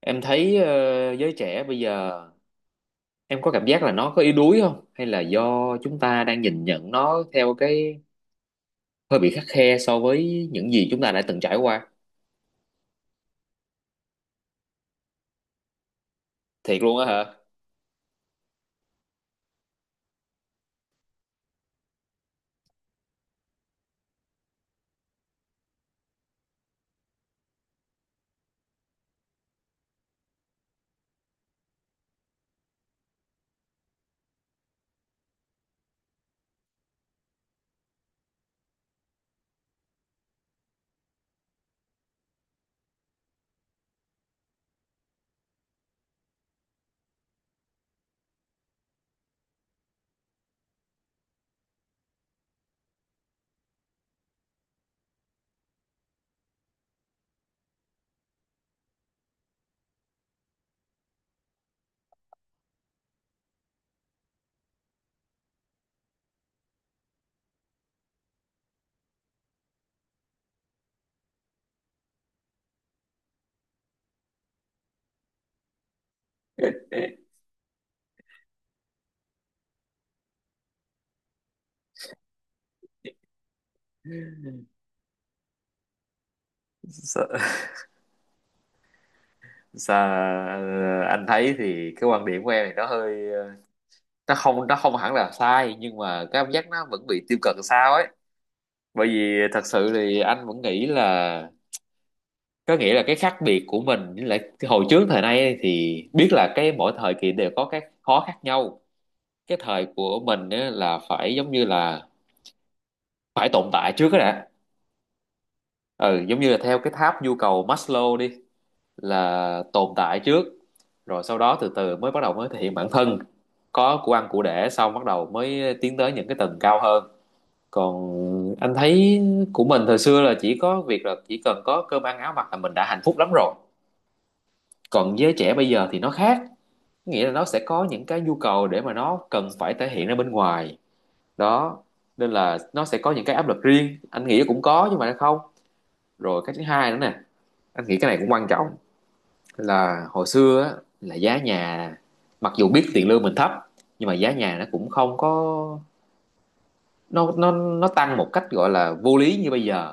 Em thấy giới trẻ bây giờ em có cảm giác là nó có yếu đuối không? Hay là do chúng ta đang nhìn nhận nó theo cái hơi bị khắt khe so với những gì chúng ta đã từng trải qua? Thiệt luôn á hả? Sa- anh thấy thì cái quan điểm của em thì nó hơi nó không hẳn là sai, nhưng mà cái cảm giác nó vẫn bị tiêu cực sao ấy. Bởi vì thật sự thì anh vẫn nghĩ là, có nghĩa là cái khác biệt của mình với lại cái hồi trước thời nay ấy, thì biết là cái mỗi thời kỳ đều có các khó khác nhau. Cái thời của mình ấy là phải giống như là phải tồn tại trước đó đã. Ừ, giống như là theo cái tháp nhu cầu Maslow đi, là tồn tại trước, rồi sau đó từ từ mới bắt đầu mới thể hiện bản thân, có của ăn của để xong bắt đầu mới tiến tới những cái tầng cao hơn. Còn anh thấy của mình thời xưa là chỉ có việc là chỉ cần có cơm ăn áo mặc là mình đã hạnh phúc lắm rồi. Còn giới trẻ bây giờ thì nó khác, nghĩa là nó sẽ có những cái nhu cầu để mà nó cần phải thể hiện ra bên ngoài đó, nên là nó sẽ có những cái áp lực riêng, anh nghĩ cũng có nhưng mà nó không. Rồi cái thứ hai nữa nè, anh nghĩ cái này cũng quan trọng, là hồi xưa á, là giá nhà, mặc dù biết tiền lương mình thấp nhưng mà giá nhà nó cũng không có, nó tăng một cách gọi là vô lý như bây giờ.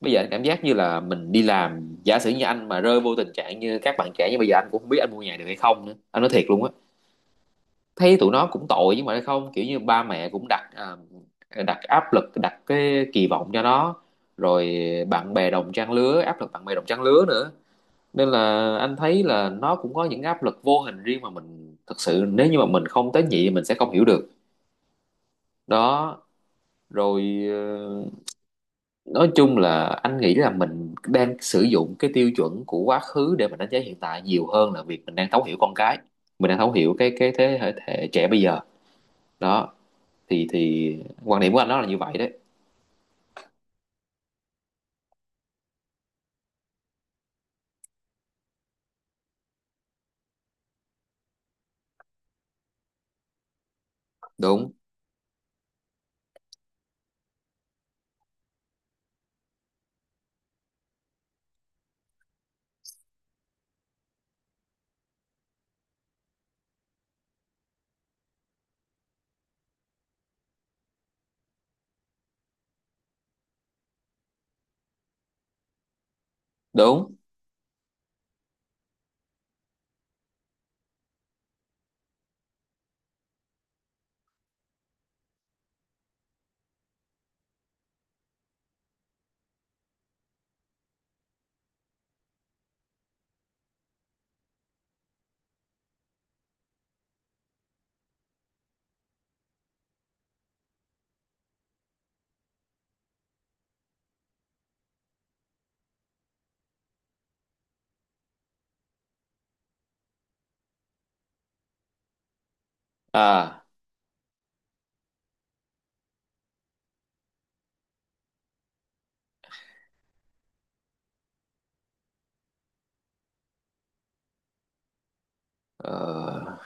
Bây giờ anh cảm giác như là mình đi làm, giả sử như anh mà rơi vô tình trạng như các bạn trẻ như bây giờ, anh cũng không biết anh mua nhà được hay không nữa, anh nói thiệt luôn á. Thấy tụi nó cũng tội, nhưng mà không, kiểu như ba mẹ cũng đặt đặt áp lực đặt cái kỳ vọng cho nó, rồi bạn bè đồng trang lứa, áp lực bạn bè đồng trang lứa nữa, nên là anh thấy là nó cũng có những áp lực vô hình riêng mà mình thật sự nếu như mà mình không tế nhị thì mình sẽ không hiểu được đó. Rồi ờ, nói chung là anh nghĩ là mình đang sử dụng cái tiêu chuẩn của quá khứ để mình đánh giá hiện tại nhiều hơn là việc mình đang thấu hiểu con cái, mình đang thấu hiểu cái thế hệ trẻ bây giờ đó. Thì quan điểm của anh đó là như vậy đấy. Đúng. Đúng. À. ờ,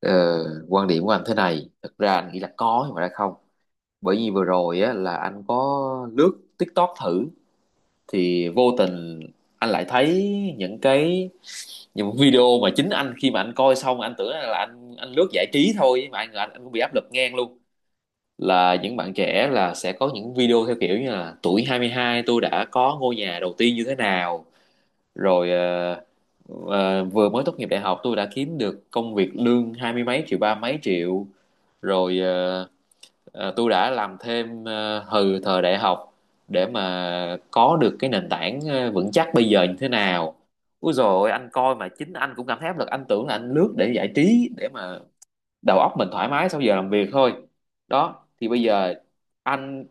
ờ, Quan điểm của anh thế này, thực ra anh nghĩ là có nhưng mà đã không, bởi vì vừa rồi á là anh có lướt TikTok thử, thì vô tình anh lại thấy những cái những video mà chính anh khi mà anh coi xong anh tưởng là anh lướt giải trí thôi, mà anh cũng bị áp lực ngang luôn, là những bạn trẻ là sẽ có những video theo kiểu như là tuổi 22 tôi đã có ngôi nhà đầu tiên như thế nào, rồi vừa mới tốt nghiệp đại học tôi đã kiếm được công việc lương hai mươi mấy triệu ba mấy triệu, rồi tôi đã làm thêm từ thời đại học để mà có được cái nền tảng vững chắc bây giờ như thế nào. Úi dồi ôi, anh coi mà chính anh cũng cảm thấy áp lực, anh tưởng là anh lướt để giải trí để mà đầu óc mình thoải mái sau giờ làm việc thôi. Đó thì bây giờ anh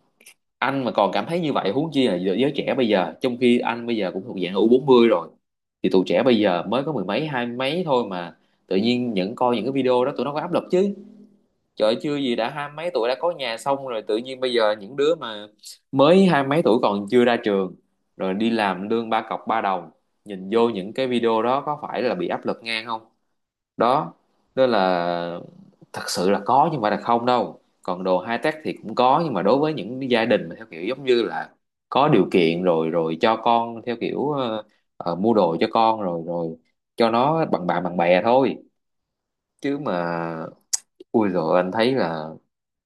anh mà còn cảm thấy như vậy, huống chi là giới giới trẻ bây giờ, trong khi anh bây giờ cũng thuộc dạng u bốn mươi rồi, thì tụi trẻ bây giờ mới có mười mấy hai mấy thôi mà tự nhiên những coi những cái video đó tụi nó có áp lực chứ. Trời ơi, chưa gì đã hai mấy tuổi đã có nhà xong, rồi tự nhiên bây giờ những đứa mà mới hai mấy tuổi còn chưa ra trường, rồi đi làm lương ba cọc ba đồng, nhìn vô những cái video đó có phải là bị áp lực ngang không đó, nên là thật sự là có nhưng mà là không đâu. Còn đồ high tech thì cũng có, nhưng mà đối với những gia đình mà theo kiểu giống như là có điều kiện rồi rồi cho con theo kiểu mua đồ cho con rồi rồi cho nó bằng bạn bằng bè thôi. Chứ mà ui, rồi anh thấy là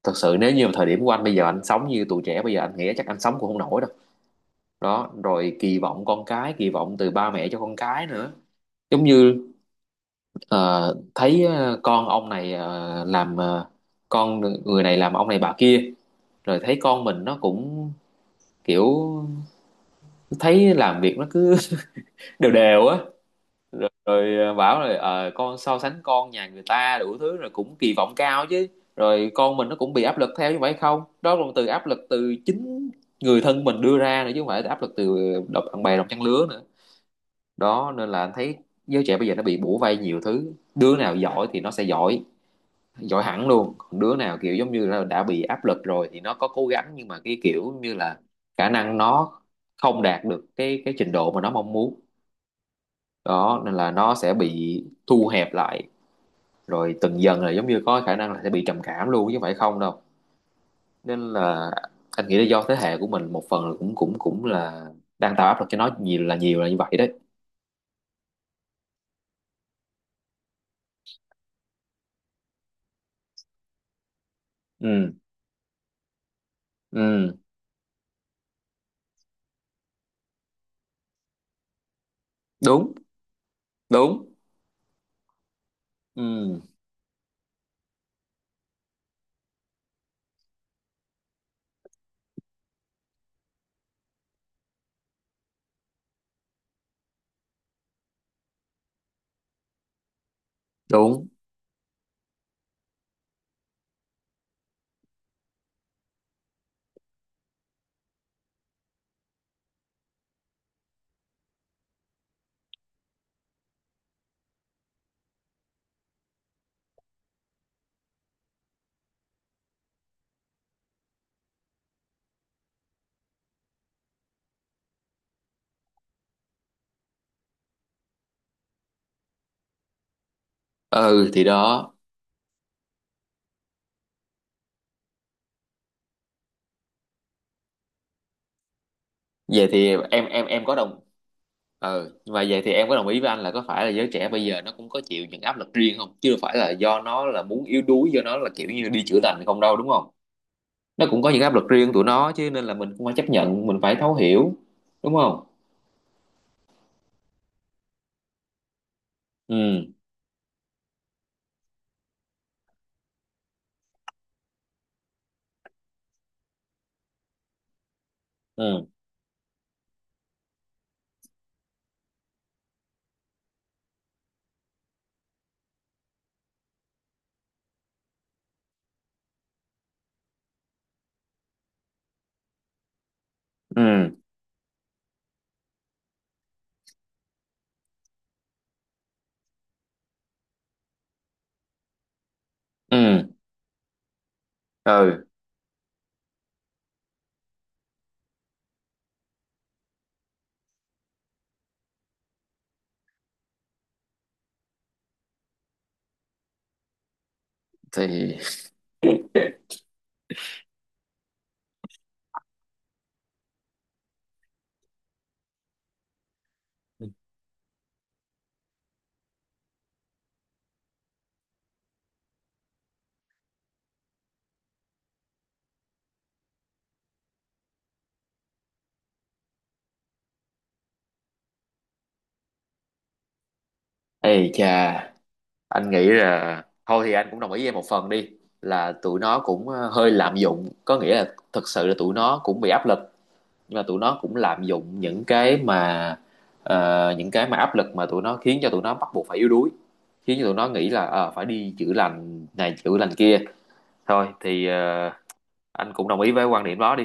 thật sự nếu như thời điểm của anh bây giờ anh sống như tụi trẻ bây giờ anh nghĩ chắc anh sống cũng không nổi đâu. Đó rồi kỳ vọng con cái, kỳ vọng từ ba mẹ cho con cái nữa, giống như, ờ, thấy con ông này làm con người này làm ông này bà kia, rồi thấy con mình nó cũng kiểu, thấy làm việc nó cứ đều đều á, rồi, rồi ờ, bảo rồi con so sánh con nhà người ta đủ thứ rồi, cũng kỳ vọng cao chứ, rồi con mình nó cũng bị áp lực theo như vậy không đó, là từ áp lực từ chính người thân mình đưa ra nữa chứ không phải áp lực từ độc bạn bè đồng trang lứa nữa đó. Nên là anh thấy giới trẻ bây giờ nó bị bủa vây nhiều thứ, đứa nào giỏi thì nó sẽ giỏi giỏi hẳn luôn, còn đứa nào kiểu giống như là đã bị áp lực rồi thì nó có cố gắng nhưng mà cái kiểu như là khả năng nó không đạt được cái trình độ mà nó mong muốn đó, nên là nó sẽ bị thu hẹp lại, rồi từng dần là giống như có khả năng là sẽ bị trầm cảm luôn chứ không phải không đâu. Nên là anh nghĩ là do thế hệ của mình một phần là cũng cũng cũng là đang tạo áp lực cho nó nhiều là như vậy đấy. Ừ. Ừ. Đúng. Đúng. Ừ. Đúng. Ừ thì đó. Vậy thì em có đồng, ừ, nhưng mà vậy thì em có đồng ý với anh là có phải là giới trẻ bây giờ nó cũng có chịu những áp lực riêng không, chứ đâu phải là do nó là muốn yếu đuối, do nó là kiểu như đi chữa lành không đâu, đúng không? Nó cũng có những áp lực riêng tụi nó chứ, nên là mình cũng phải chấp nhận mình phải thấu hiểu, đúng không? Ừ. Ừ. Ừ. Ừ. Ừ thì. Ê chà, anh nghĩ là thôi thì anh cũng đồng ý với em một phần đi, là tụi nó cũng hơi lạm dụng, có nghĩa là thực sự là tụi nó cũng bị áp lực, nhưng mà tụi nó cũng lạm dụng những cái mà những cái mà áp lực mà tụi nó khiến cho tụi nó bắt buộc phải yếu đuối, khiến cho tụi nó nghĩ là phải đi chữa lành này chữa lành kia. Thôi thì anh cũng đồng ý với quan điểm đó đi.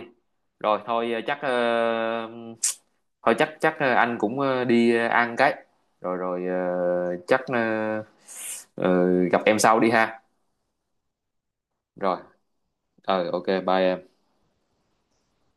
Rồi thôi chắc thôi chắc chắc anh cũng đi ăn cái, rồi rồi ờ, chắc ờ, gặp em sau đi ha. Rồi ok bye em.